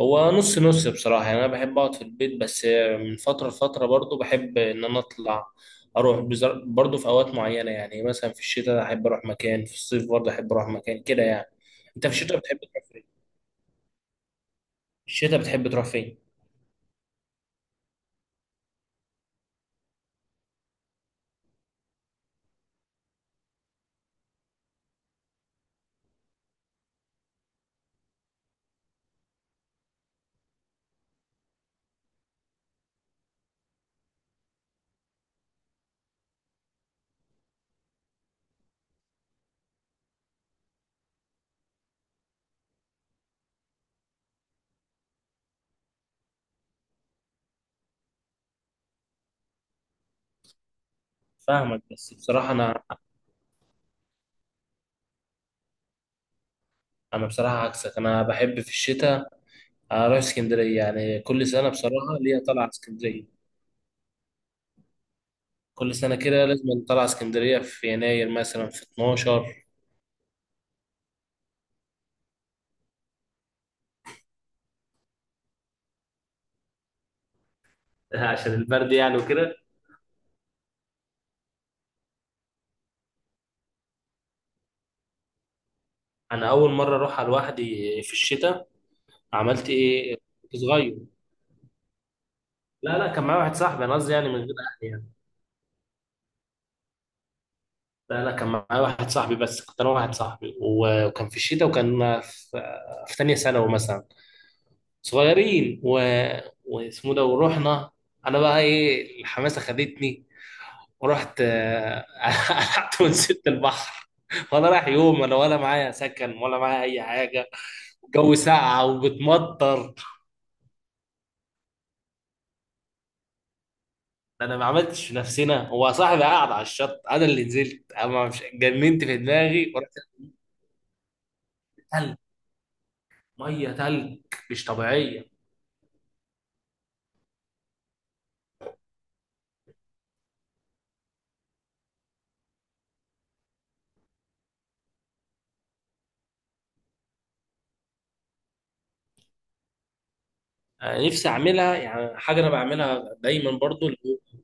هو نص نص بصراحة، يعني أنا بحب أقعد في البيت بس. من فترة لفترة برضو بحب إن أنا أطلع. برضو في أوقات معينة، يعني مثلا في الشتاء أحب أروح مكان، في الصيف برضو أحب أروح مكان كده يعني. أنت في الشتاء بتحب تروح فين؟ في الشتاء بتحب تروح فين؟ فاهمك، بس بصراحة أنا أنا بصراحة عكسك، أنا بحب في الشتاء أروح اسكندرية. يعني كل سنة بصراحة ليا طلعة اسكندرية، كل سنة كده لازم طلعة اسكندرية في يناير مثلا، في 12. عشان البرد يعني وكده. انا اول مره اروحها لوحدي في الشتاء. عملت ايه؟ كنت صغير. لا لا، كان معايا واحد صاحبي، انا قصدي يعني من غير اهلي يعني. لا لا، كان معايا واحد صاحبي، بس كنت انا واحد صاحبي، وكان في الشتاء، وكان في في تانية ثانوي مثلا، صغيرين و... واسمه ده ورحنا. انا بقى ايه الحماسه خدتني ورحت، آه. قعدت ونزلت البحر، ولا رايح يوم ولا ولا معايا سكن ولا معايا اي حاجه. الجو ساقعه وبتمطر. انا ما عملتش في نفسنا، هو صاحبي قاعد على الشط، انا اللي نزلت. انا ما مش جننت في دماغي ورحت. تلج، ميه تلج، مش طبيعيه. أنا نفسي اعملها يعني حاجه انا بعملها دايما برضو اللي هو،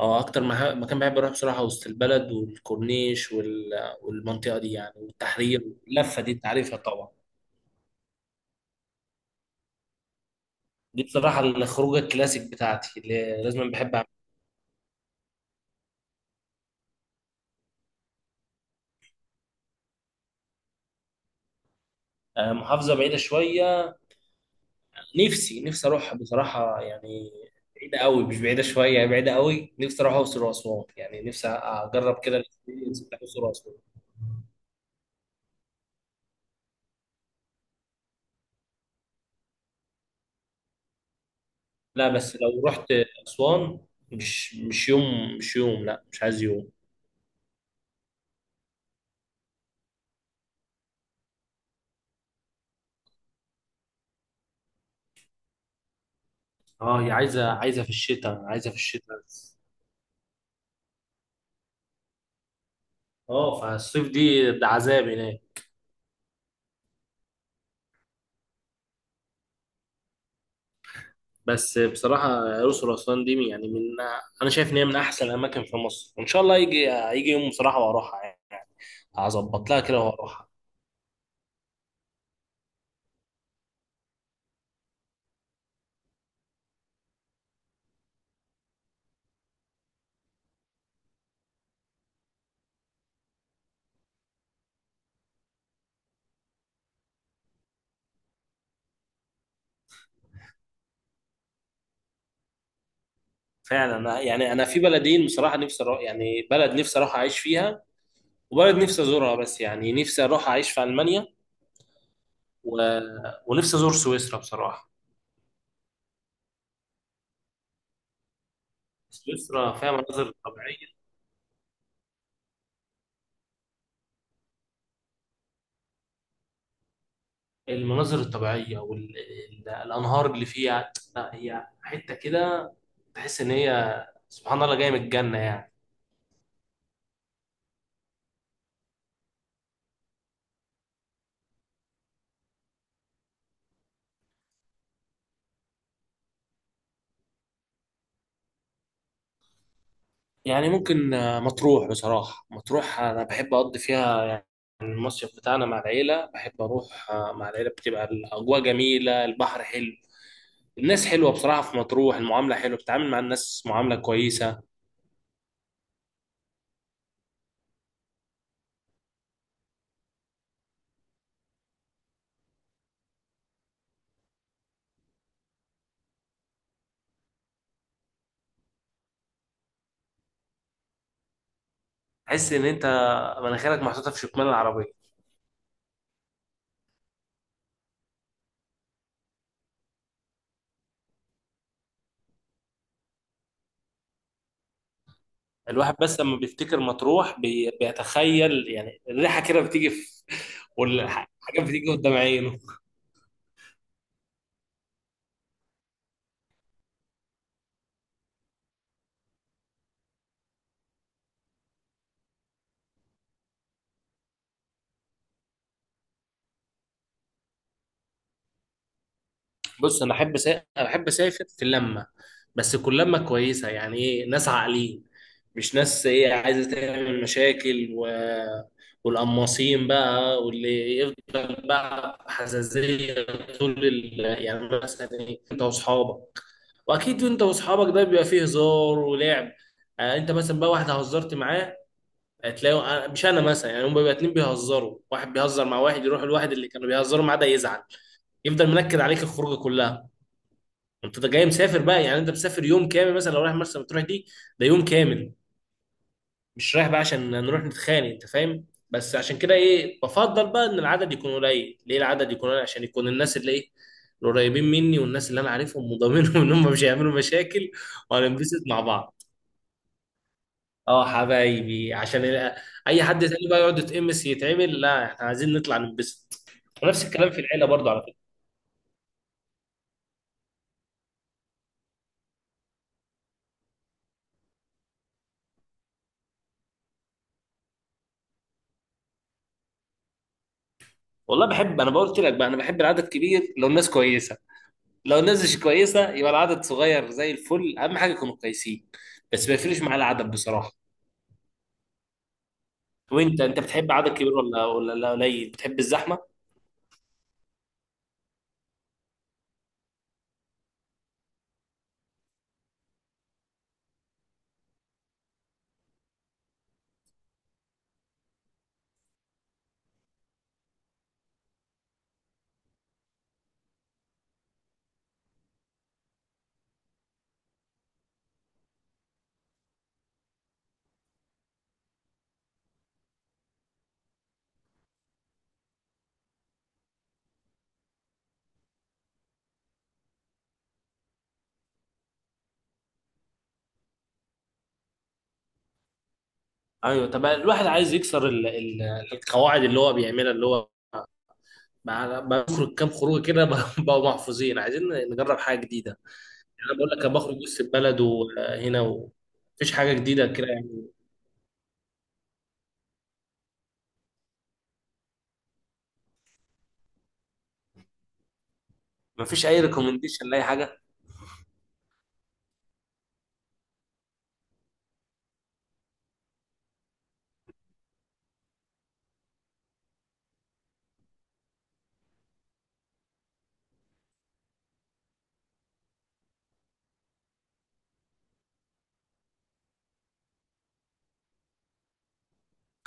اه اكتر مكان بحب اروح بصراحه وسط البلد والكورنيش وال... والمنطقه دي يعني، والتحرير، اللفه دي انت عارفها طبعا. دي بصراحه الخروجه الكلاسيك بتاعتي، اللي لازم بحب اعملها. آه، محافظه بعيده شويه، نفسي نفسي اروح بصراحه يعني. بعيده قوي، مش بعيده شويه يعني، بعيده قوي نفسي اروح اقصر واسوان، يعني نفسي اجرب كده الاكسبيرينس بتاع اقصر واسوان. لا بس لو رحت اسوان، مش مش يوم، مش يوم، لا مش عايز يوم. اه هي عايزه عايزه في الشتاء، عايزه في الشتاء بس. اه فالصيف دي ده عذاب هناك. بس بصراحه الاقصر واسوان دي يعني من، انا شايف ان هي من احسن الاماكن في مصر، وان شاء الله يجي يجي يوم بصراحه واروحها يعني. هظبط لها كده واروحها. فعلا، يعني انا في بلدين بصراحه نفسي اروح، يعني بلد نفسي اروح اعيش فيها، وبلد نفسي ازورها بس. يعني نفسي اروح اعيش في المانيا، و... ونفسي ازور سويسرا بصراحه. سويسرا فيها مناظر طبيعيه، المناظر الطبيعيه والانهار اللي فيها، لا هي حته كده تحس ان هي سبحان الله جايه من الجنه يعني. يعني ممكن آه، مطروح بصراحه، مطروح انا بحب اقضي فيها يعني. المصيف بتاعنا مع العيله، بحب اروح آه، مع العيله، بتبقى الاجواء جميله، البحر حلو، الناس حلوه. بصراحه في مطروح المعامله حلوه، بتتعامل مع الناس معامله كويسه. تحس ان انت مناخيرك محطوطه في شكمان العربيه. الواحد بس لما بيفتكر مطروح بيتخيل يعني الريحه كده بتيجي في والحاجات بتيجي قدام عينه. بص انا انا احب اسافر في اللمه، بس تكون لمه كويسه، يعني ايه ناس عاقلين، مش ناس ايه عايزه تعمل مشاكل و... والقماصين بقى واللي يفضل بقى حزازيه. يعني مثلا ايه انت واصحابك، واكيد انت واصحابك ده بيبقى فيه هزار ولعب. آه انت مثلا بقى واحد هزرت معاه، هتلاقيه مش انا مثلا، يعني هم بيبقى اتنين بيهزروا، واحد بيهزر مع واحد، يروح الواحد اللي كانوا بيهزروا معاه ده يزعل، يفضل منكد عليك الخروجه كلها. انت ده جاي مسافر بقى، يعني انت مسافر يوم كامل، مثلا لو رايح مرسى مطروح دي، ده يوم كامل، مش رايح بقى عشان نروح نتخانق، انت فاهم. بس عشان كده ايه، بفضل بقى ان العدد يكون قليل. ليه العدد يكون قليل؟ عشان يكون الناس اللي ايه، القريبين مني، والناس اللي انا عارفهم وضامنهم ان هم مش هيعملوا مشاكل، وهننبسط مع بعض. اه حبايبي عشان ال-، اي حد تاني بقى يقعد يتقمص يتعمل، لا احنا عايزين نطلع ننبسط. ونفس الكلام في العيله برضو على فكره. والله بحب، انا بقول لك بقى، انا بحب العدد كبير لو الناس كويسه، لو الناس مش كويسه يبقى العدد صغير زي الفل، اهم حاجه يكونوا كويسين. بس ما يفرقش معايا العدد بصراحه. وانت بتحب عدد كبير ولا قليل؟ بتحب الزحمه؟ ايوه، طب الواحد عايز يكسر القواعد اللي هو بيعملها، اللي هو بخرج كام خروج كده بقوا محفوظين، عايزين نجرب حاجه جديده. يعني انا بقول لك، انا بخرج وسط البلد وهنا ومفيش حاجه جديده كده يعني. مفيش اي ريكومنديشن لاي حاجه.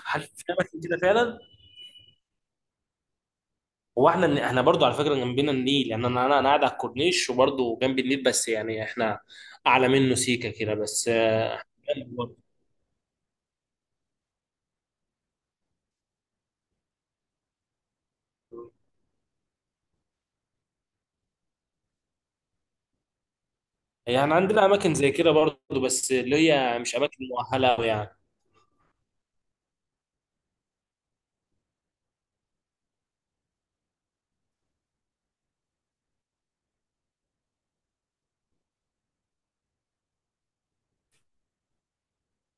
هل في اماكن كده فعلا؟ هو احنا احنا برضو على فكره جنبنا النيل، يعني انا انا أنا قاعد على الكورنيش وبرضو جنب النيل، بس يعني احنا اعلى منه سيكه كده بس، آه. يعني عندنا اماكن زي كده برضو، بس اللي هي مش اماكن مؤهله أوي يعني.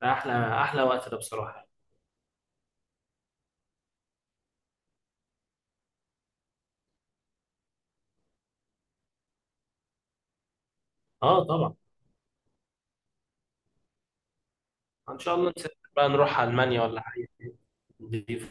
احلى احلى وقت ده بصراحه. اه طبعا. ان شاء الله نسافر بقى نروح المانيا ولا حاجه دي.